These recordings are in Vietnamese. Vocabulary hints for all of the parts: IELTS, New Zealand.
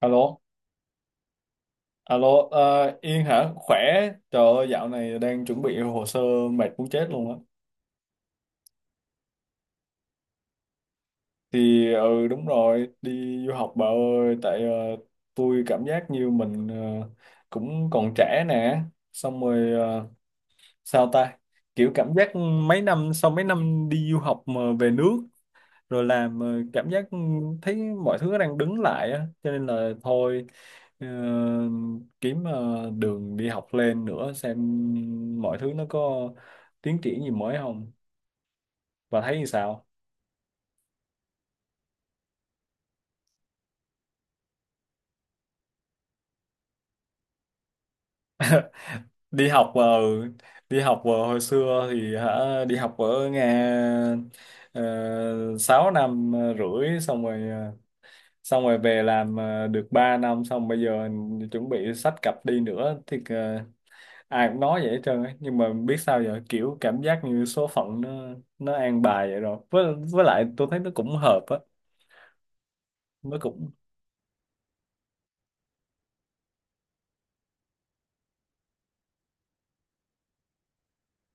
Alo, alo, Yên hả? Khỏe, trời ơi, dạo này đang chuẩn bị hồ sơ mệt muốn chết luôn á. Thì ừ đúng rồi, đi du học bà ơi, tại tôi cảm giác như mình cũng còn trẻ nè, xong rồi sao ta? Kiểu cảm giác mấy năm sau, mấy năm đi du học mà về nước rồi làm cảm giác thấy mọi thứ đang đứng lại á, cho nên là thôi ờ, kiếm đường đi học lên nữa, xem mọi thứ nó có tiến triển gì mới không, và thấy như sao. đi học ờ, Hồi xưa thì hả, đi học ở Nga 6 năm rưỡi, xong rồi về làm được 3 năm, xong bây giờ chuẩn bị xách cặp đi nữa thì ai cũng nói vậy hết trơn á, nhưng mà biết sao giờ, kiểu cảm giác như số phận nó an bài vậy rồi, với lại tôi thấy nó cũng hợp á, nó cũng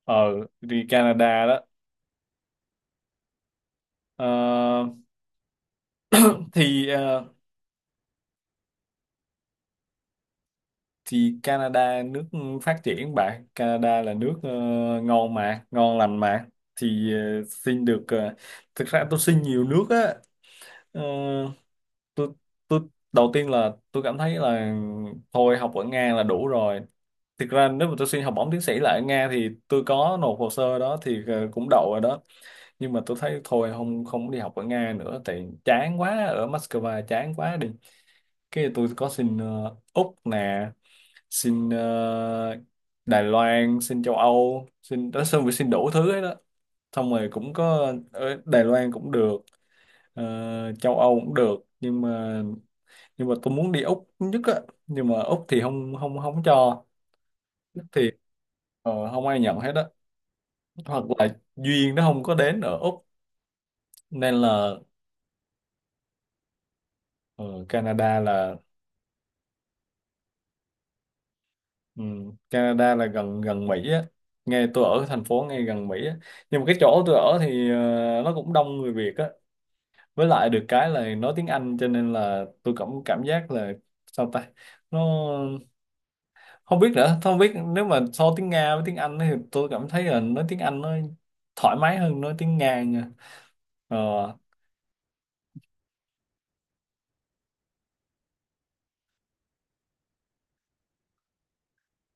ờ đi Canada đó. Ờ, thì ờ, thì Canada nước phát triển bạn, Canada là nước ngon mà, ngon lành mà, thì xin được thực ra tôi xin nhiều nước á. Ờ, tôi tôi đầu tiên là tôi cảm thấy là thôi, học ở Nga là đủ rồi. Thực ra nếu mà tôi xin học bổng tiến sĩ lại ở Nga thì tôi có nộp hồ sơ đó, thì cũng đậu rồi đó, nhưng mà tôi thấy thôi, không không đi học ở Nga nữa, tại chán quá, ở Moscow chán quá đi. Cái tôi có xin Úc nè, xin Đài Loan, xin châu Âu, xin đó xong rồi xin đủ thứ ấy đó. Xong rồi cũng có, ở Đài Loan cũng được, châu Âu cũng được, nhưng mà tôi muốn đi Úc nhất á, nhưng mà Úc thì không không không cho. Úc thì không ai nhận hết á, hoặc là duyên nó không có đến ở Úc, nên là ờ, Canada là Canada là gần gần Mỹ á. Nghe tôi ở thành phố ngay gần Mỹ á, nhưng mà cái chỗ tôi ở thì nó cũng đông người Việt á, với lại được cái là nói tiếng Anh, cho nên là tôi cảm cảm giác là sao ta, nó không biết nữa, không biết nếu mà so tiếng Nga với tiếng Anh thì tôi cảm thấy là nói tiếng Anh nó thoải mái hơn nói tiếng Nga nha. Ờ,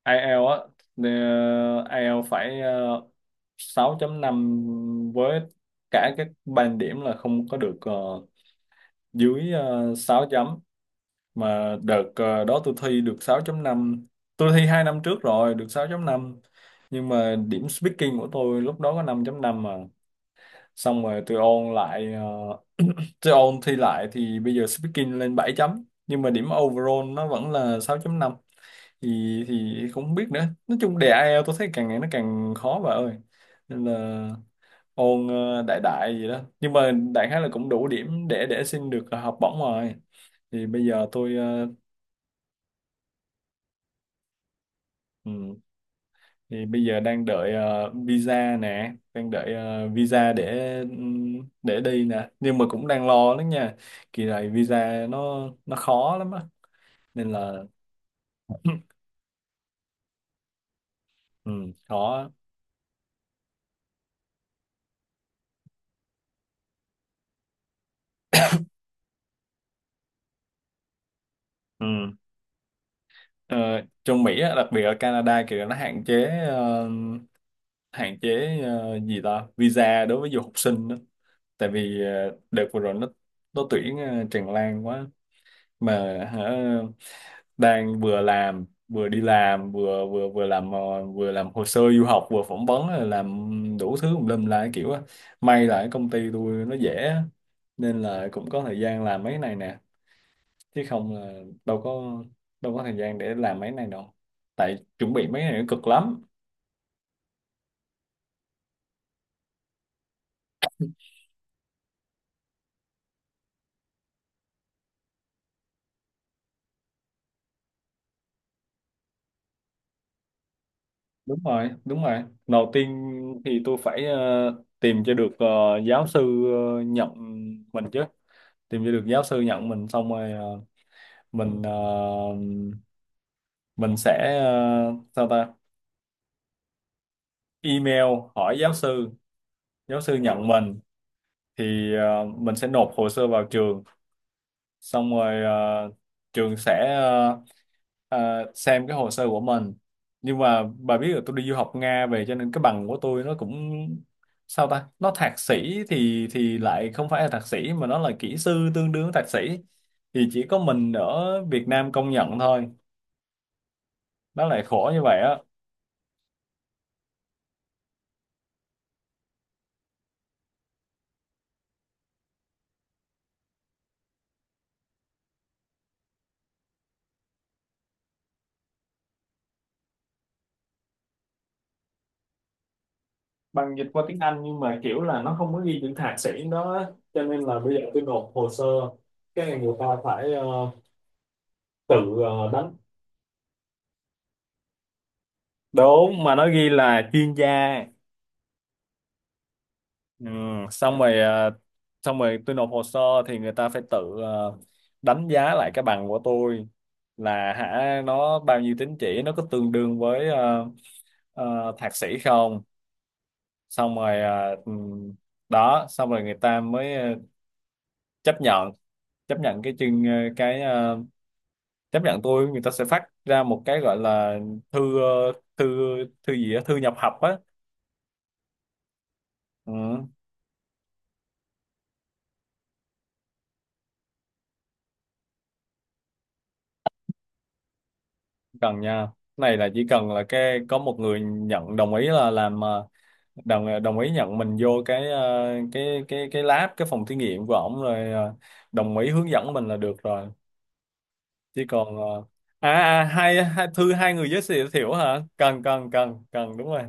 IELTS á, ờ, IELTS phải 6.5, với cả các band điểm là không có được dưới 6 chấm. Mà đợt đó tôi thi được 6.5. Tôi thi 2 năm trước rồi, được 6.5. Nhưng mà điểm speaking của tôi lúc đó có 5.5 mà, xong rồi tôi ôn thi lại thì bây giờ speaking lên 7 chấm, nhưng mà điểm overall nó vẫn là 6.5. Thì không biết nữa, nói chung đề IELTS tôi thấy càng ngày nó càng khó bà ơi. Nên là ôn đại đại gì đó, nhưng mà đại khái là cũng đủ điểm để xin được học bổng rồi. thì bây giờ tôi ờ, ừ, thì bây giờ đang đợi visa nè, đang đợi visa để đi nè, nhưng mà cũng đang lo lắm nha. Kỳ này visa nó khó lắm á, nên là ừ, khó. Ừ. Ờ, Trong Mỹ á, đặc biệt ở Canada kìa, nó hạn chế gì ta, visa đối với du học sinh đó. Tại vì đợt vừa rồi nó tuyển tràn lan quá. Mà hả, đang vừa làm vừa đi làm vừa vừa vừa làm ờ, vừa làm hồ sơ du học, vừa phỏng vấn, rồi làm đủ thứ tùm lum lại kiểu á. May là cái công ty tôi nó dễ á, nên là cũng có thời gian làm mấy này nè, chứ không là đâu có thời gian để làm mấy này đâu, tại chuẩn bị mấy này nó cực lắm. Đúng rồi, đúng rồi. Đầu tiên thì tôi phải tìm cho được giáo sư nhận mình chứ. Tìm cho được giáo sư nhận mình, xong rồi mình ờ, mình sẽ sao ta, email hỏi giáo sư. Giáo sư nhận mình thì mình sẽ nộp hồ sơ vào trường, xong rồi trường sẽ xem cái hồ sơ của mình. Nhưng mà bà biết là tôi đi du học Nga về, cho nên cái bằng của tôi nó cũng sao ta, nó thạc sĩ thì lại không phải là thạc sĩ, mà nó là kỹ sư tương đương thạc sĩ, thì chỉ có mình ở Việt Nam công nhận thôi, nó lại khổ như vậy á. Bằng dịch qua tiếng Anh nhưng mà kiểu là nó không có ghi những thạc sĩ đó á. Cho nên là bây giờ tôi nộp hồ sơ, cái người ta phải tự đánh. Đúng, mà nó ghi là chuyên gia. Ừ. xong rồi à, Xong rồi tôi nộp hồ sơ, thì người ta phải tự đánh giá lại cái bằng của tôi, là hả, nó bao nhiêu tín chỉ, nó có tương đương với thạc sĩ không. Xong rồi đó, xong rồi người ta mới chấp nhận chấp nhận cái chương ờ, cái ờ, chấp nhận tôi, người ta sẽ phát ra một cái gọi là thư ờ, thư thư gì á, thư nhập học á. Ừ. Cần nha, này là chỉ cần là cái có một người nhận đồng ý là làm đồng ý nhận mình vô cái lab, cái phòng thí nghiệm của ổng rồi đồng ý hướng dẫn mình là được rồi. Chỉ còn hai thư, hai người giới thiệu thiệu hả, cần cần cần cần, đúng rồi.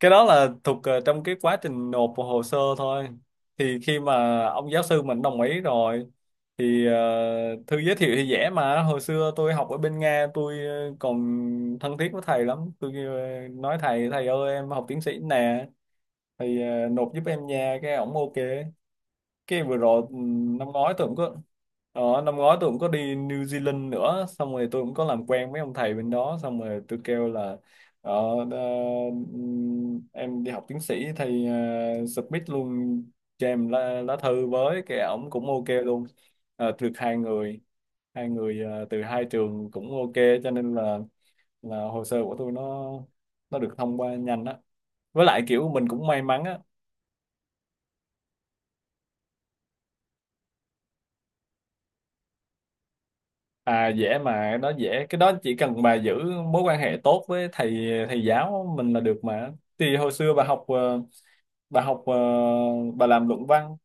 Cái đó là thuộc trong cái quá trình nộp hồ sơ thôi. Thì khi mà ông giáo sư mình đồng ý rồi, thì thư giới thiệu thì dễ mà. Hồi xưa tôi học ở bên Nga, tôi còn thân thiết với thầy lắm, tôi nói thầy thầy ơi, em học tiến sĩ nè, thì nộp giúp em nha, cái ổng ok. Cái vừa rồi năm ngoái tôi cũng có năm ngoái tôi cũng có đi New Zealand nữa, xong rồi tôi cũng có làm quen mấy ông thầy bên đó, xong rồi tôi kêu là ờ, ờ, em đi học tiến sĩ thầy submit luôn cho em lá thư, với cái ổng cũng ok luôn. Được hai người từ hai trường cũng ok, cho nên là hồ sơ của tôi nó được thông qua nhanh á, với lại kiểu mình cũng may mắn á. À dễ mà, nó dễ. Cái đó chỉ cần bà giữ mối quan hệ tốt với thầy thầy giáo mình là được mà. Thì hồi xưa bà học ờ, bà làm luận văn.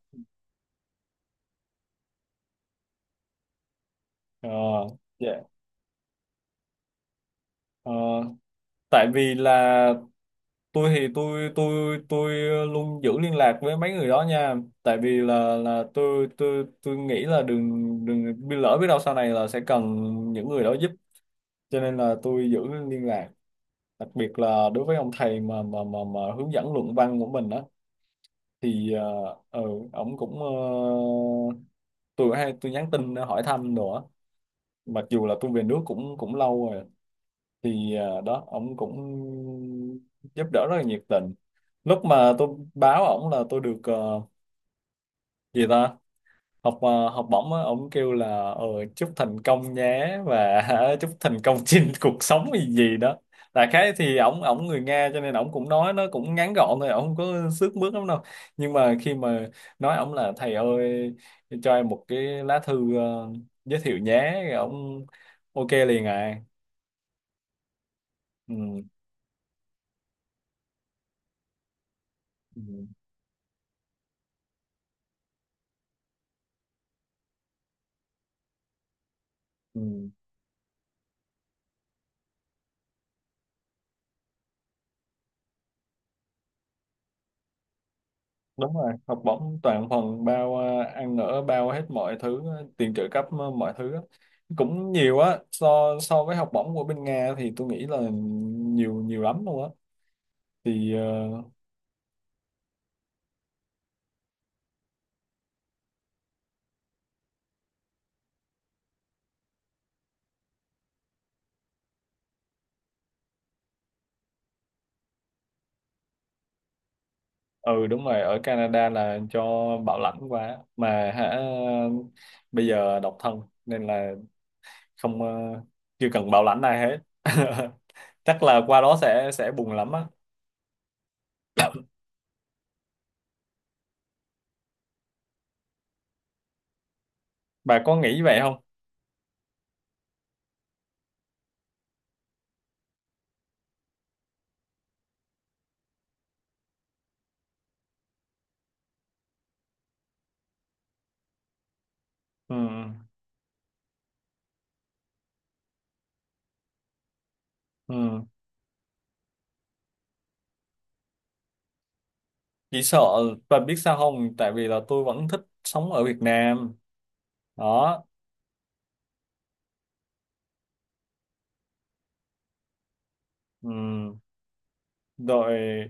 Ờ, dạ. Ờ, Tại vì là tôi thì tôi luôn giữ liên lạc với mấy người đó nha. Tại vì là tôi nghĩ là đừng đừng bị lỡ, biết đâu sau này là sẽ cần những người đó giúp. Cho nên là tôi giữ liên lạc. Đặc biệt là đối với ông thầy mà hướng dẫn luận văn của mình á, thì uh, ừ ổng cũng tôi hay nhắn tin hỏi thăm đồ á, mặc dù là tôi về nước cũng cũng lâu rồi. Thì đó ổng cũng giúp đỡ rất là nhiệt tình. Lúc mà tôi báo ổng là tôi được gì ta, học bổng á, ổng kêu là chúc thành công nhé và chúc thành công trên cuộc sống gì gì đó. Đại khái thì ổng ổng người Nga, cho nên ổng cũng nói nó cũng ngắn gọn thôi, ổng không có xước mướt lắm đâu. Nhưng mà khi mà nói ổng là, thầy ơi, cho em một cái lá thư giới thiệu nhé, ổng ok liền à. Ừ. Ừ. Ừ. Đúng rồi, học bổng toàn phần bao ăn ở, bao hết mọi thứ tiền trợ cấp mọi thứ á. Cũng nhiều á, so so với học bổng của bên Nga thì tôi nghĩ là nhiều nhiều lắm luôn á. Thì ừ đúng rồi, ở Canada là cho bảo lãnh quá mà hả. Bây giờ độc thân nên là không ờ, chưa cần bảo lãnh ai hết. Chắc là qua đó sẽ buồn lắm á. Bà có nghĩ vậy không? Ừ, ừ. Chỉ sợ, và biết sao không, tại vì là tôi vẫn thích sống ở Việt Nam đó. Ừm, Rồi.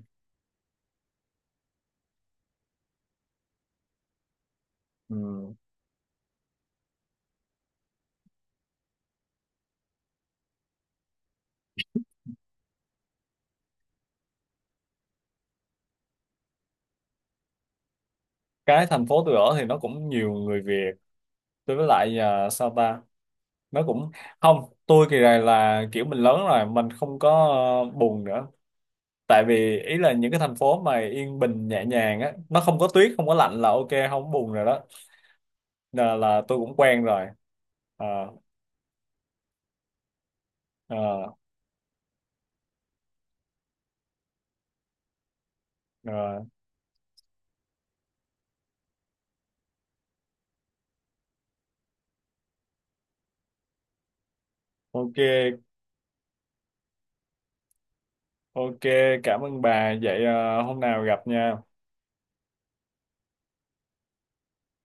ừm, cái thành phố tôi ở thì nó cũng nhiều người Việt. Tôi với lại sao ta, nó cũng không. Tôi kỳ này là kiểu mình lớn rồi, mình không có buồn nữa. Tại vì ý là những cái thành phố mà yên bình nhẹ nhàng á, nó không có tuyết, không có lạnh là ok, không có buồn rồi đó, là tôi cũng quen rồi. Ờ, ờ, Rồi, ok. Ok, cảm ơn bà. Vậy hôm nào gặp nha.